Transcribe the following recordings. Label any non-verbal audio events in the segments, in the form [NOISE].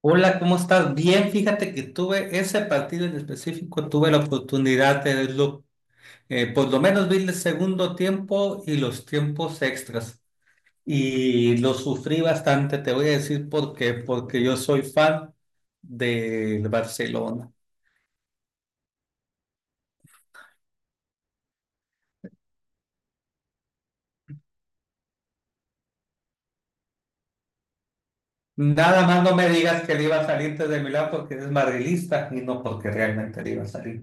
Hola, ¿cómo estás? Bien, fíjate que tuve ese partido en específico, tuve la oportunidad de verlo, por lo menos vi el segundo tiempo y los tiempos extras. Y lo sufrí bastante, te voy a decir por qué, porque yo soy fan del Barcelona. Nada más no me digas que le iba a salir desde Milán porque eres madrilista y no porque realmente le iba a salir.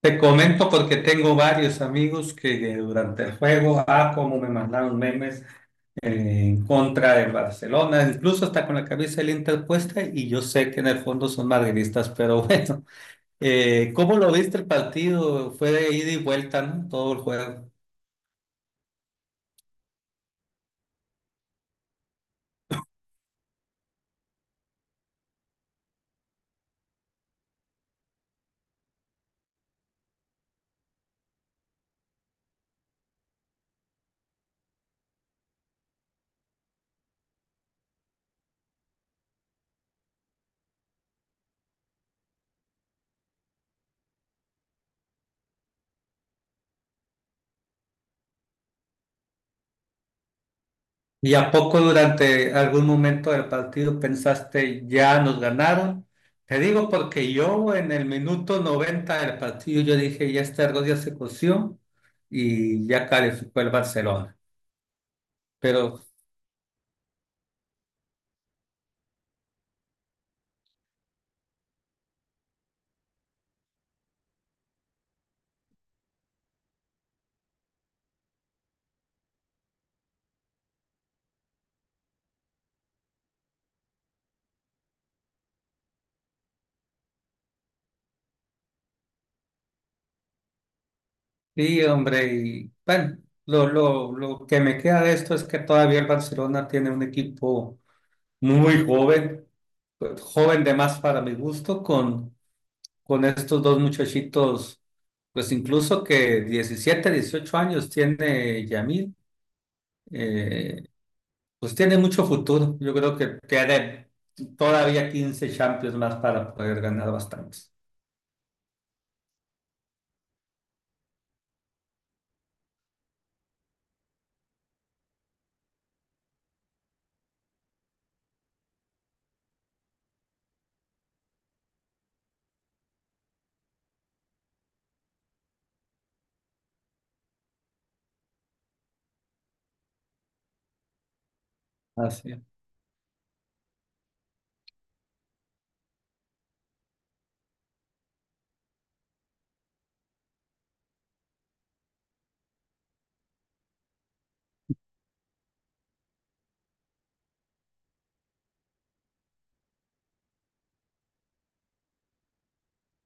Te comento porque tengo varios amigos que durante el juego, ah, cómo me mandaron memes en contra del Barcelona, incluso está con la cabeza del Inter puesta y yo sé que en el fondo son madridistas, pero [LAUGHS] bueno, ¿cómo lo viste el partido? Fue de ida y vuelta, ¿no? Todo el juego. ¿Y a poco durante algún momento del partido pensaste, ya nos ganaron? Te digo porque yo en el minuto 90 del partido yo dije, ya este arroz ya se coció y ya calificó el Barcelona. Pero sí, hombre, y bueno, lo que me queda de esto es que todavía el Barcelona tiene un equipo muy joven, pues, joven de más para mi gusto, con estos dos muchachitos, pues incluso que 17 18 años tiene Yamil, eh, pues tiene mucho futuro. Yo creo que tiene todavía 15 Champions más para poder ganar bastantes. Así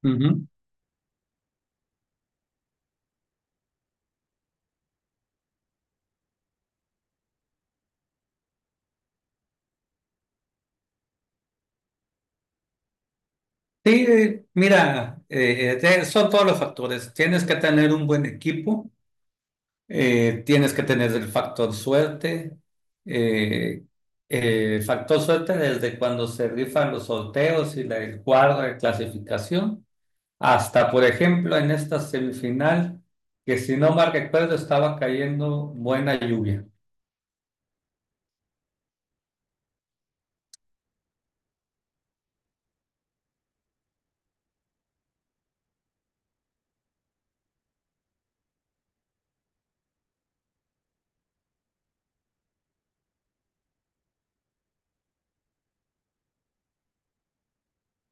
es. Sí, son todos los factores. Tienes que tener un buen equipo, tienes que tener el factor suerte. eh, Factor suerte desde cuando se rifan los sorteos y el cuadro de clasificación, hasta, por ejemplo, en esta semifinal, que si no mal recuerdo estaba cayendo buena lluvia.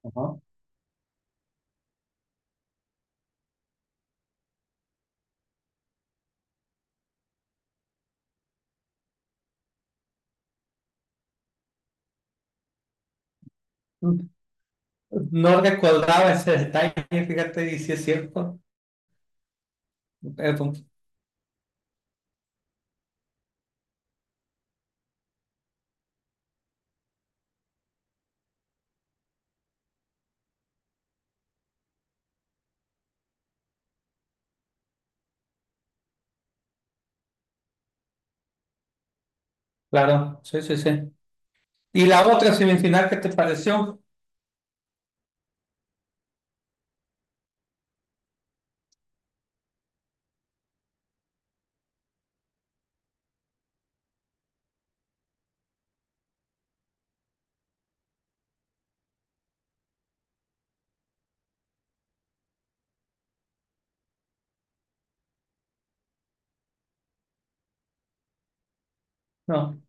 Ajá. No recordaba ese detalle, fíjate, y si es cierto. Perdón. Claro, sí, sí, sí. ¿Y la otra semifinal qué te pareció? No.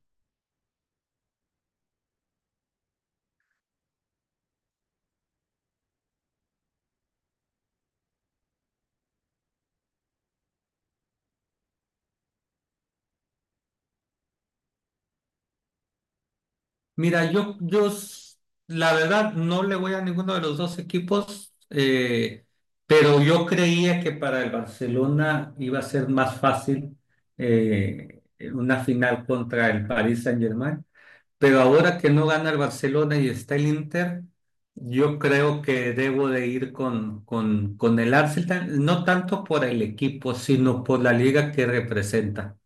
Mira, la verdad, no le voy a ninguno de los dos equipos, pero yo creía que para el Barcelona iba a ser más fácil eh, una final contra el Paris Saint-Germain. Pero ahora que no gana el Barcelona y está el Inter, yo creo que debo de ir con el Arsenal, no tanto por el equipo, sino por la liga que representa.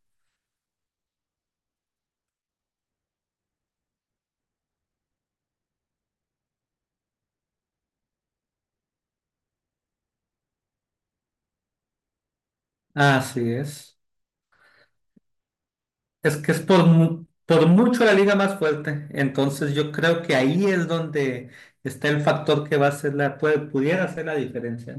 Así es. Es que es por mucho la liga más fuerte. Entonces yo creo que ahí es donde está el factor que va a ser la, puede, pudiera hacer la diferencia.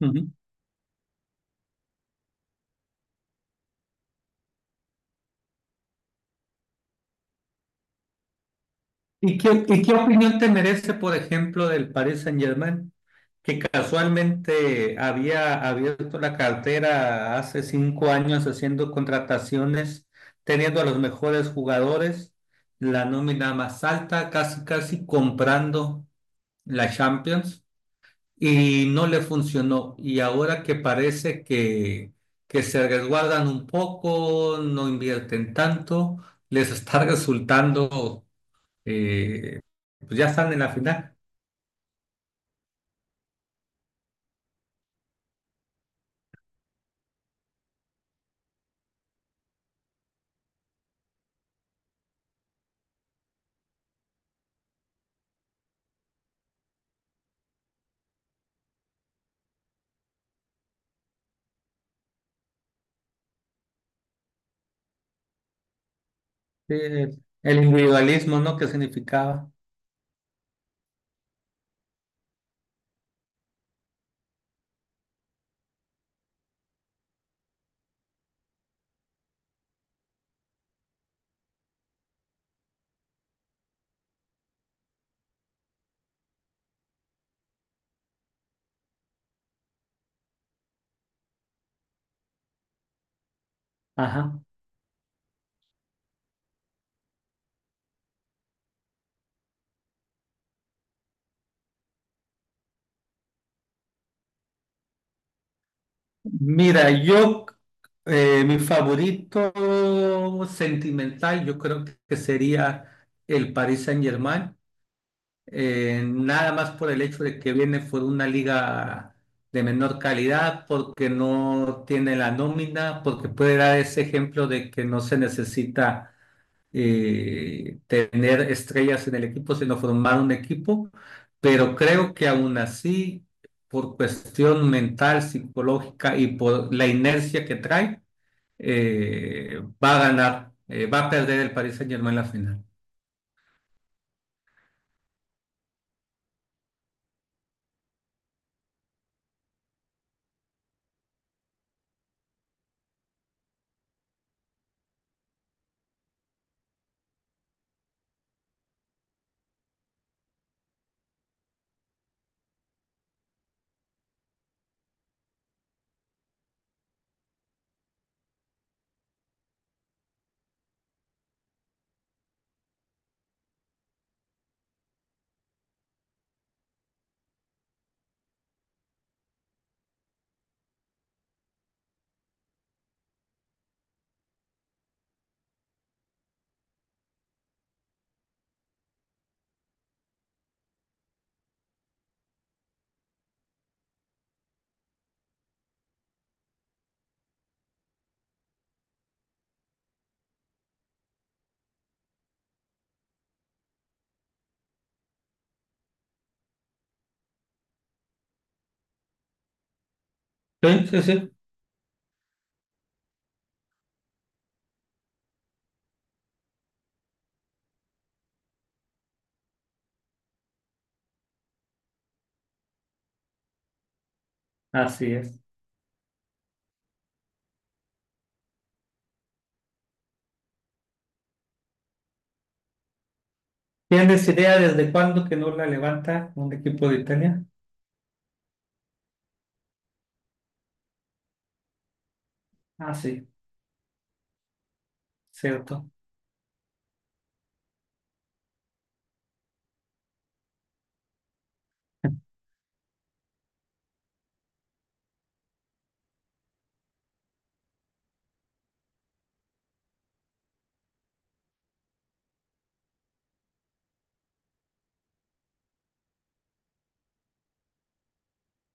¿No? Y qué opinión te merece, por ejemplo, del Paris Saint-Germain, que casualmente había abierto la cartera hace 5 años haciendo contrataciones, teniendo a los mejores jugadores, la nómina más alta, casi casi comprando la Champions, y no le funcionó. Y ahora que parece que se resguardan un poco, no invierten tanto, les está [LAUGHS] resultando eh, pues ya están en la final. Eh, el individualismo, ¿no? ¿Qué significaba? Ajá. Mira, yo, mi favorito sentimental, yo creo que sería el Paris Saint-Germain, nada más por el hecho de que viene por una liga de menor calidad, porque no tiene la nómina, porque puede dar ese ejemplo de que no se necesita tener estrellas en el equipo, sino formar un equipo, pero creo que aún así, por cuestión mental, psicológica y por la inercia que trae, va a perder el Paris Saint-Germain la final. Sí, sí, sí. Así es. ¿Tienes idea desde cuándo que no la levanta un equipo de Italia? Ah, sí, cierto.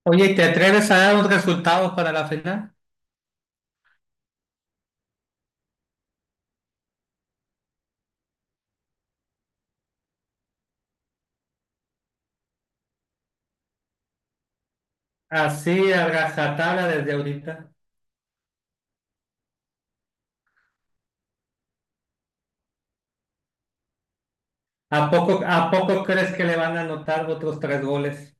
Oye, ¿te atreves a dar un resultado para la final? Así, a rajatabla desde ahorita. A poco crees que le van a anotar otros tres goles?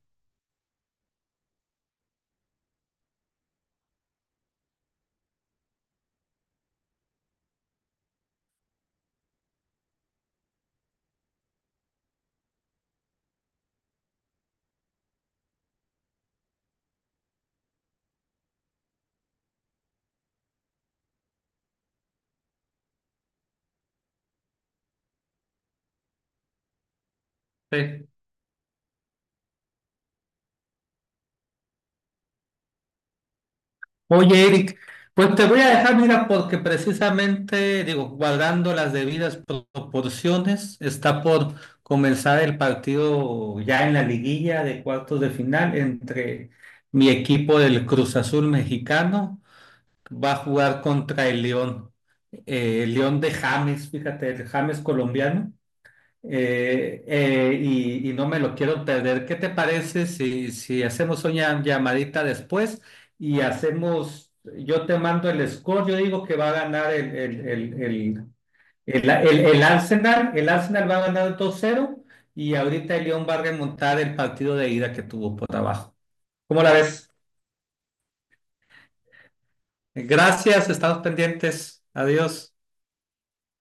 Sí. Oye, Eric, pues te voy a dejar, mira, porque precisamente, digo, guardando las debidas proporciones, está por comenzar el partido ya en la liguilla de cuartos de final entre mi equipo del Cruz Azul mexicano, va a jugar contra el León de James, fíjate, el James colombiano. Y no me lo quiero perder. ¿Qué te parece si hacemos una llamadita después y hacemos, yo te mando el score, yo digo que va a ganar el Arsenal va a ganar 2-0 y ahorita el León va a remontar el partido de ida que tuvo por abajo. ¿Cómo la ves? Gracias, estamos pendientes. Adiós.